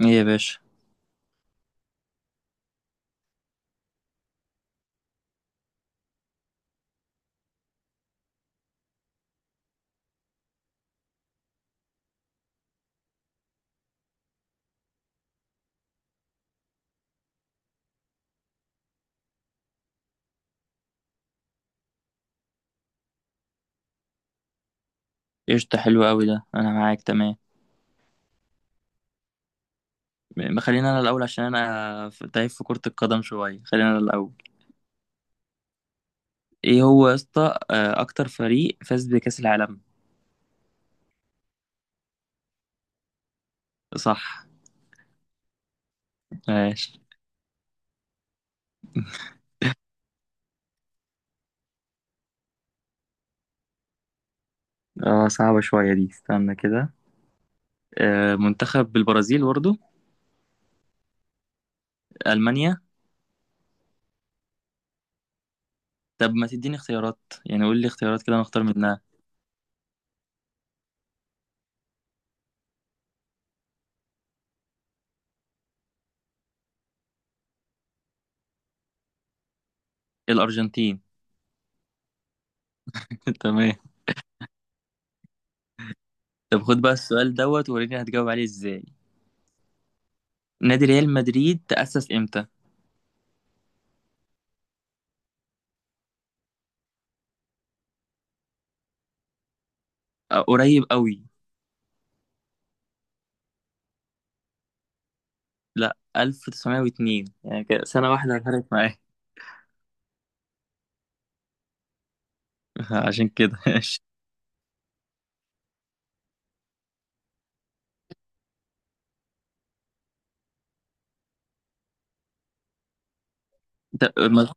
ايه يا باشا. قشطة، حلو قوي ده، انا معاك تمام. خلينا انا الاول عشان انا تايه في كرة القدم شوية، خلينا انا الاول. ايه هو يا اسطى، اكتر فريق فاز بكأس العالم؟ صح. ماشي. اه صعبة شوية دي، استنى كده. منتخب البرازيل برضه. المانيا. طب ما تديني اختيارات، يعني قول لي اختيارات كده نختار منها. الارجنتين. تمام. طب خد بقى السؤال دوت وريني هتجاوب عليه ازاي. نادي ريال مدريد تأسس امتى؟ قريب قوي. لا، 1902، يعني كده سنة واحدة فرقت معايا. عشان كده ماشي. طب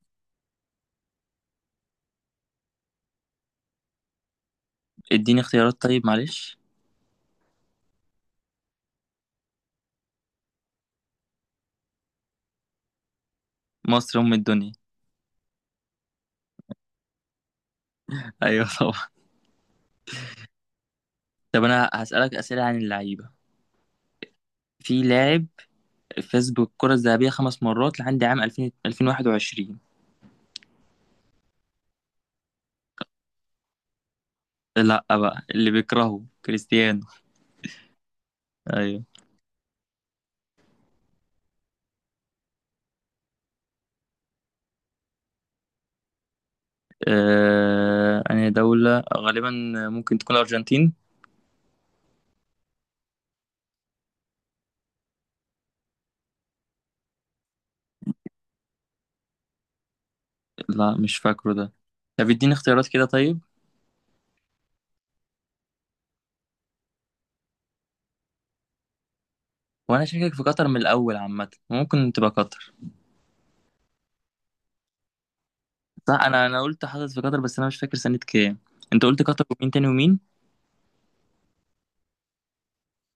اديني اختيارات طيب، معلش. مصر أم الدنيا. أيوة طبعا. طب أنا هسألك أسئلة عن اللعيبة. في لاعب فاز بالكرة الذهبية خمس مرات لحد عام 2000 2021. لا، بقى اللي بيكرهه كريستيانو. أيوة. أنا دولة غالبا، ممكن تكون الأرجنتين. لا مش فاكره ده. طب اديني اختيارات كده طيب. وأنا شاكك في قطر من الأول عامة، ممكن تبقى قطر. صح، انا قلت حصلت في قطر بس انا مش فاكر سنة كام. انت قلت قطر ومين تاني ومين؟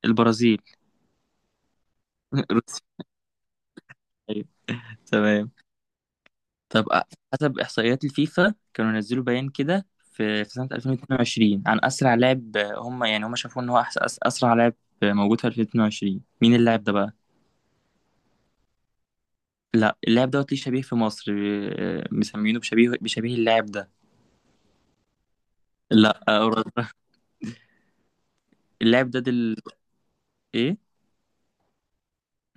البرازيل. روسيا. أيوة. تمام. طب حسب احصائيات الفيفا كانوا نزلوا بيان كده في سنة 2022 عن اسرع لاعب، هم يعني هم شافوا ان هو أحس اسرع لاعب موجود في 2022، مين اللاعب ده بقى؟ لا، اللاعب دوت ليه شبيه في مصر، مسمينه بشبيه اللاعب ده. لا، أوروبا. اللاعب ده دل، ايه؟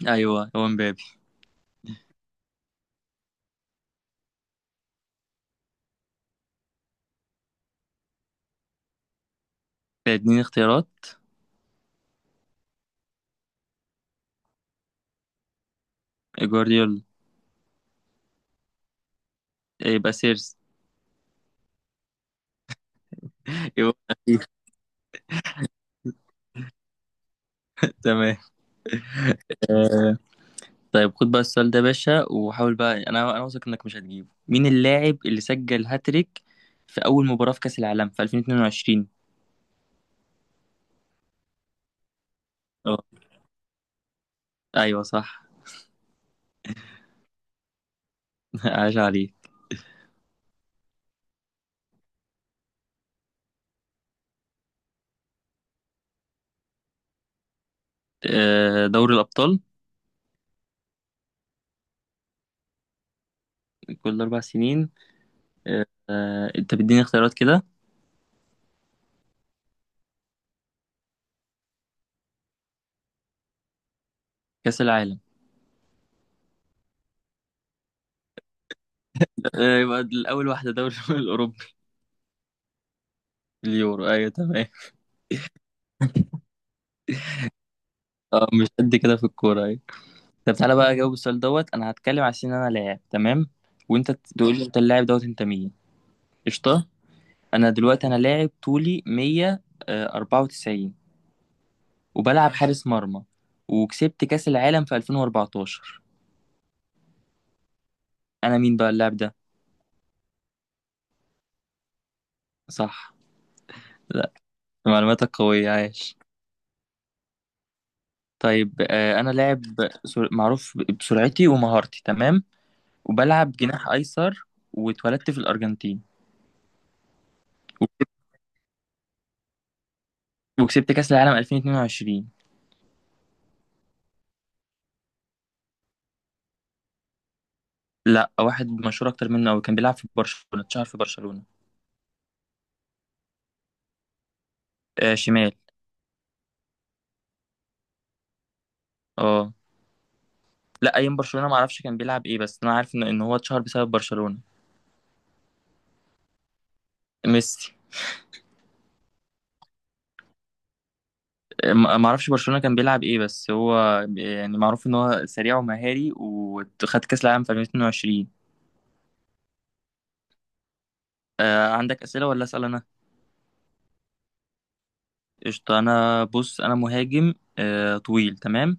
ايوه هو مبابي. اديني اختيارات. جوارديولا. يبقى سيرس. يبقى. تمام. آه، طيب خد بقى السؤال ده يا باشا، وحاول بقى، انا واثق انك مش هتجيبه، مين اللاعب اللي سجل هاتريك في اول مباراة في كأس العالم في 2022؟ اه، ايوه صح. عاش عليك. دوري الابطال. كل اربع سنين. انت بتديني اختيارات كده؟ كأس العالم. يبقى الاول واحدة دوري الاوروبي. اليورو، ايوه تمام. اه مش قد كده في الكورة، ايوه. طب تعالى بقى اجاوب السؤال دوت. انا هتكلم على سن انا لاعب، تمام، وانت تقول لي انت اللاعب دوت انت مين. قشطة. انا دلوقتي انا لاعب طولي 194، وبلعب حارس مرمى، وكسبت كاس العالم في 2014. انا مين بقى اللاعب ده؟ صح. لا، معلوماتك قوية، عايش. طيب، انا لاعب معروف بسرعتي ومهارتي، تمام، وبلعب جناح ايسر، واتولدت في الارجنتين، و- وكسبت كاس العالم 2022. لا، واحد مشهور اكتر منه أوي، كان بيلعب في برشلونة، اتشهر في برشلونة. آه شمال. اه، لا ايام برشلونة ما اعرفش كان بيلعب ايه بس انا عارف إن هو اتشهر بسبب برشلونة. ميسي. ما اعرفش برشلونة كان بيلعب ايه بس هو يعني معروف ان هو سريع ومهاري وخد كاس العالم في 2022. آه عندك اسئلة ولا اسأل انا؟ قشطة. انا بص، انا مهاجم آه طويل، تمام.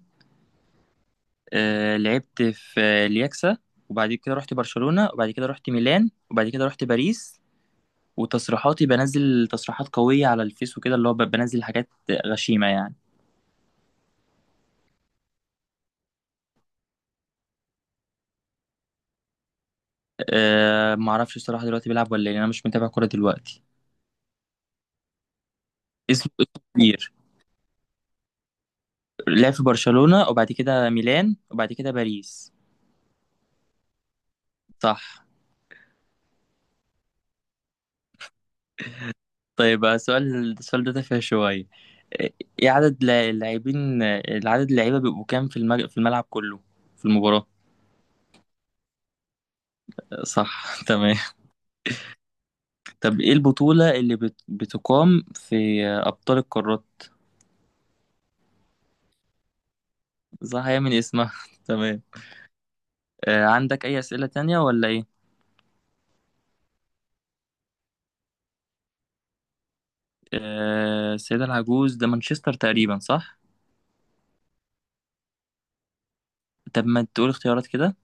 آه لعبت في الياكسا، وبعد كده رحت برشلونة، وبعد كده رحت ميلان، وبعد كده رحت باريس، وتصريحاتي بنزل تصريحات قوية على الفيس وكده، اللي هو بنزل حاجات غشيمة يعني. آه معرفش الصراحة دلوقتي بيلعب ولا ايه، انا مش متابع كورة دلوقتي. اسمه كبير. لعب في برشلونة وبعد كده ميلان وبعد كده باريس. صح. طيب، السؤال ده تافه شوية. آه، ايه عدد اللاعبين، العدد اللعيبة بيبقوا كام في في الملعب كله، في المباراة؟ صح. تمام. طب ايه البطولة اللي بتقام في أبطال القارات؟ صح، هي من اسمها. تمام. عندك أي أسئلة تانية ولا ايه؟ السيدة العجوز ده مانشستر تقريبا، صح؟ طب ما تقول اختيارات كده.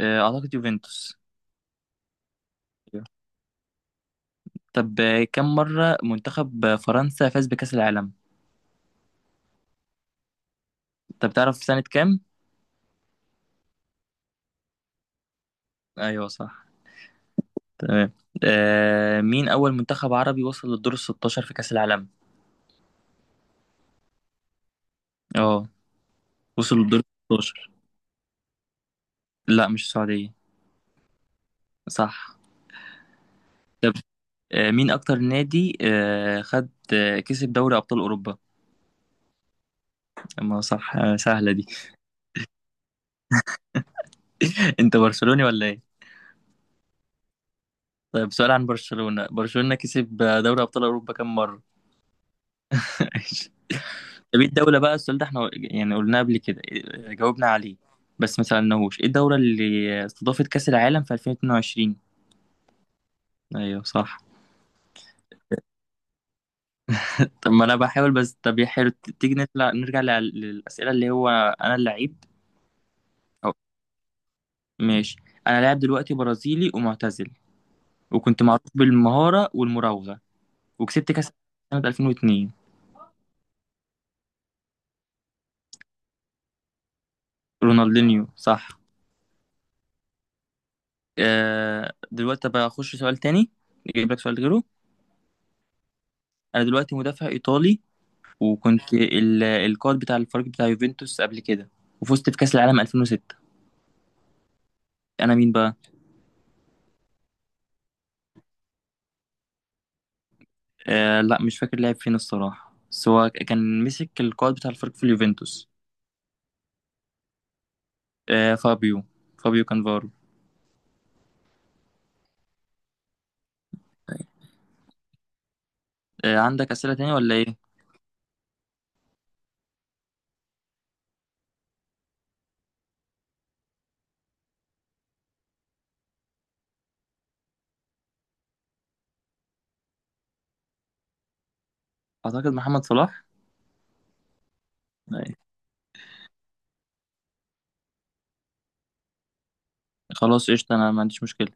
أعتقد يوفنتوس. طب كم مرة منتخب فرنسا فاز بكأس العالم؟ طب تعرف سنة كام؟ أيوه صح. تمام. آه مين أول منتخب عربي وصل للدور الستاشر في كأس العالم؟ اه. وصل للدور الستاشر. لا مش السعودية. صح. طب مين أكتر نادي خد آه كسب دوري أبطال أوروبا؟ ما صح آه سهلة دي. أنت برشلوني ولا إيه؟ طيب سؤال عن برشلونة، برشلونة كسب دوري أبطال أوروبا كم مرة؟ طب ايه الدولة، بقى السؤال ده احنا يعني قلناه قبل كده، جاوبنا عليه، بس ما سألناهوش ايه الدولة اللي استضافت كأس العالم في 2022. ايوه صح. طب ما انا بحاول بس. طب يا حلو، تيجي نطلع نرجع للأسئلة اللي هو انا اللعيب. أو ماشي. انا لاعب دلوقتي برازيلي ومعتزل، وكنت معروف بالمهارة والمراوغة، وكسبت كأس العالم سنة 2002. رونالدينيو. صح. آه دلوقتي بقى اخش سؤال تاني، نجيب لك سؤال غيره. انا دلوقتي مدافع ايطالي، وكنت القائد بتاع الفريق بتاع يوفنتوس قبل كده، وفزت في كأس العالم 2006. انا مين بقى؟ آه لا مش فاكر لعب فين الصراحة بس هو كان مسك القائد بتاع الفريق في اليوفنتوس. آه فابيو، فابيو كانفارو. آه عندك أسئلة تانية ولا ايه؟ اعتقد محمد صلاح. آه. خلاص قشطة انا ما عنديش مشكلة.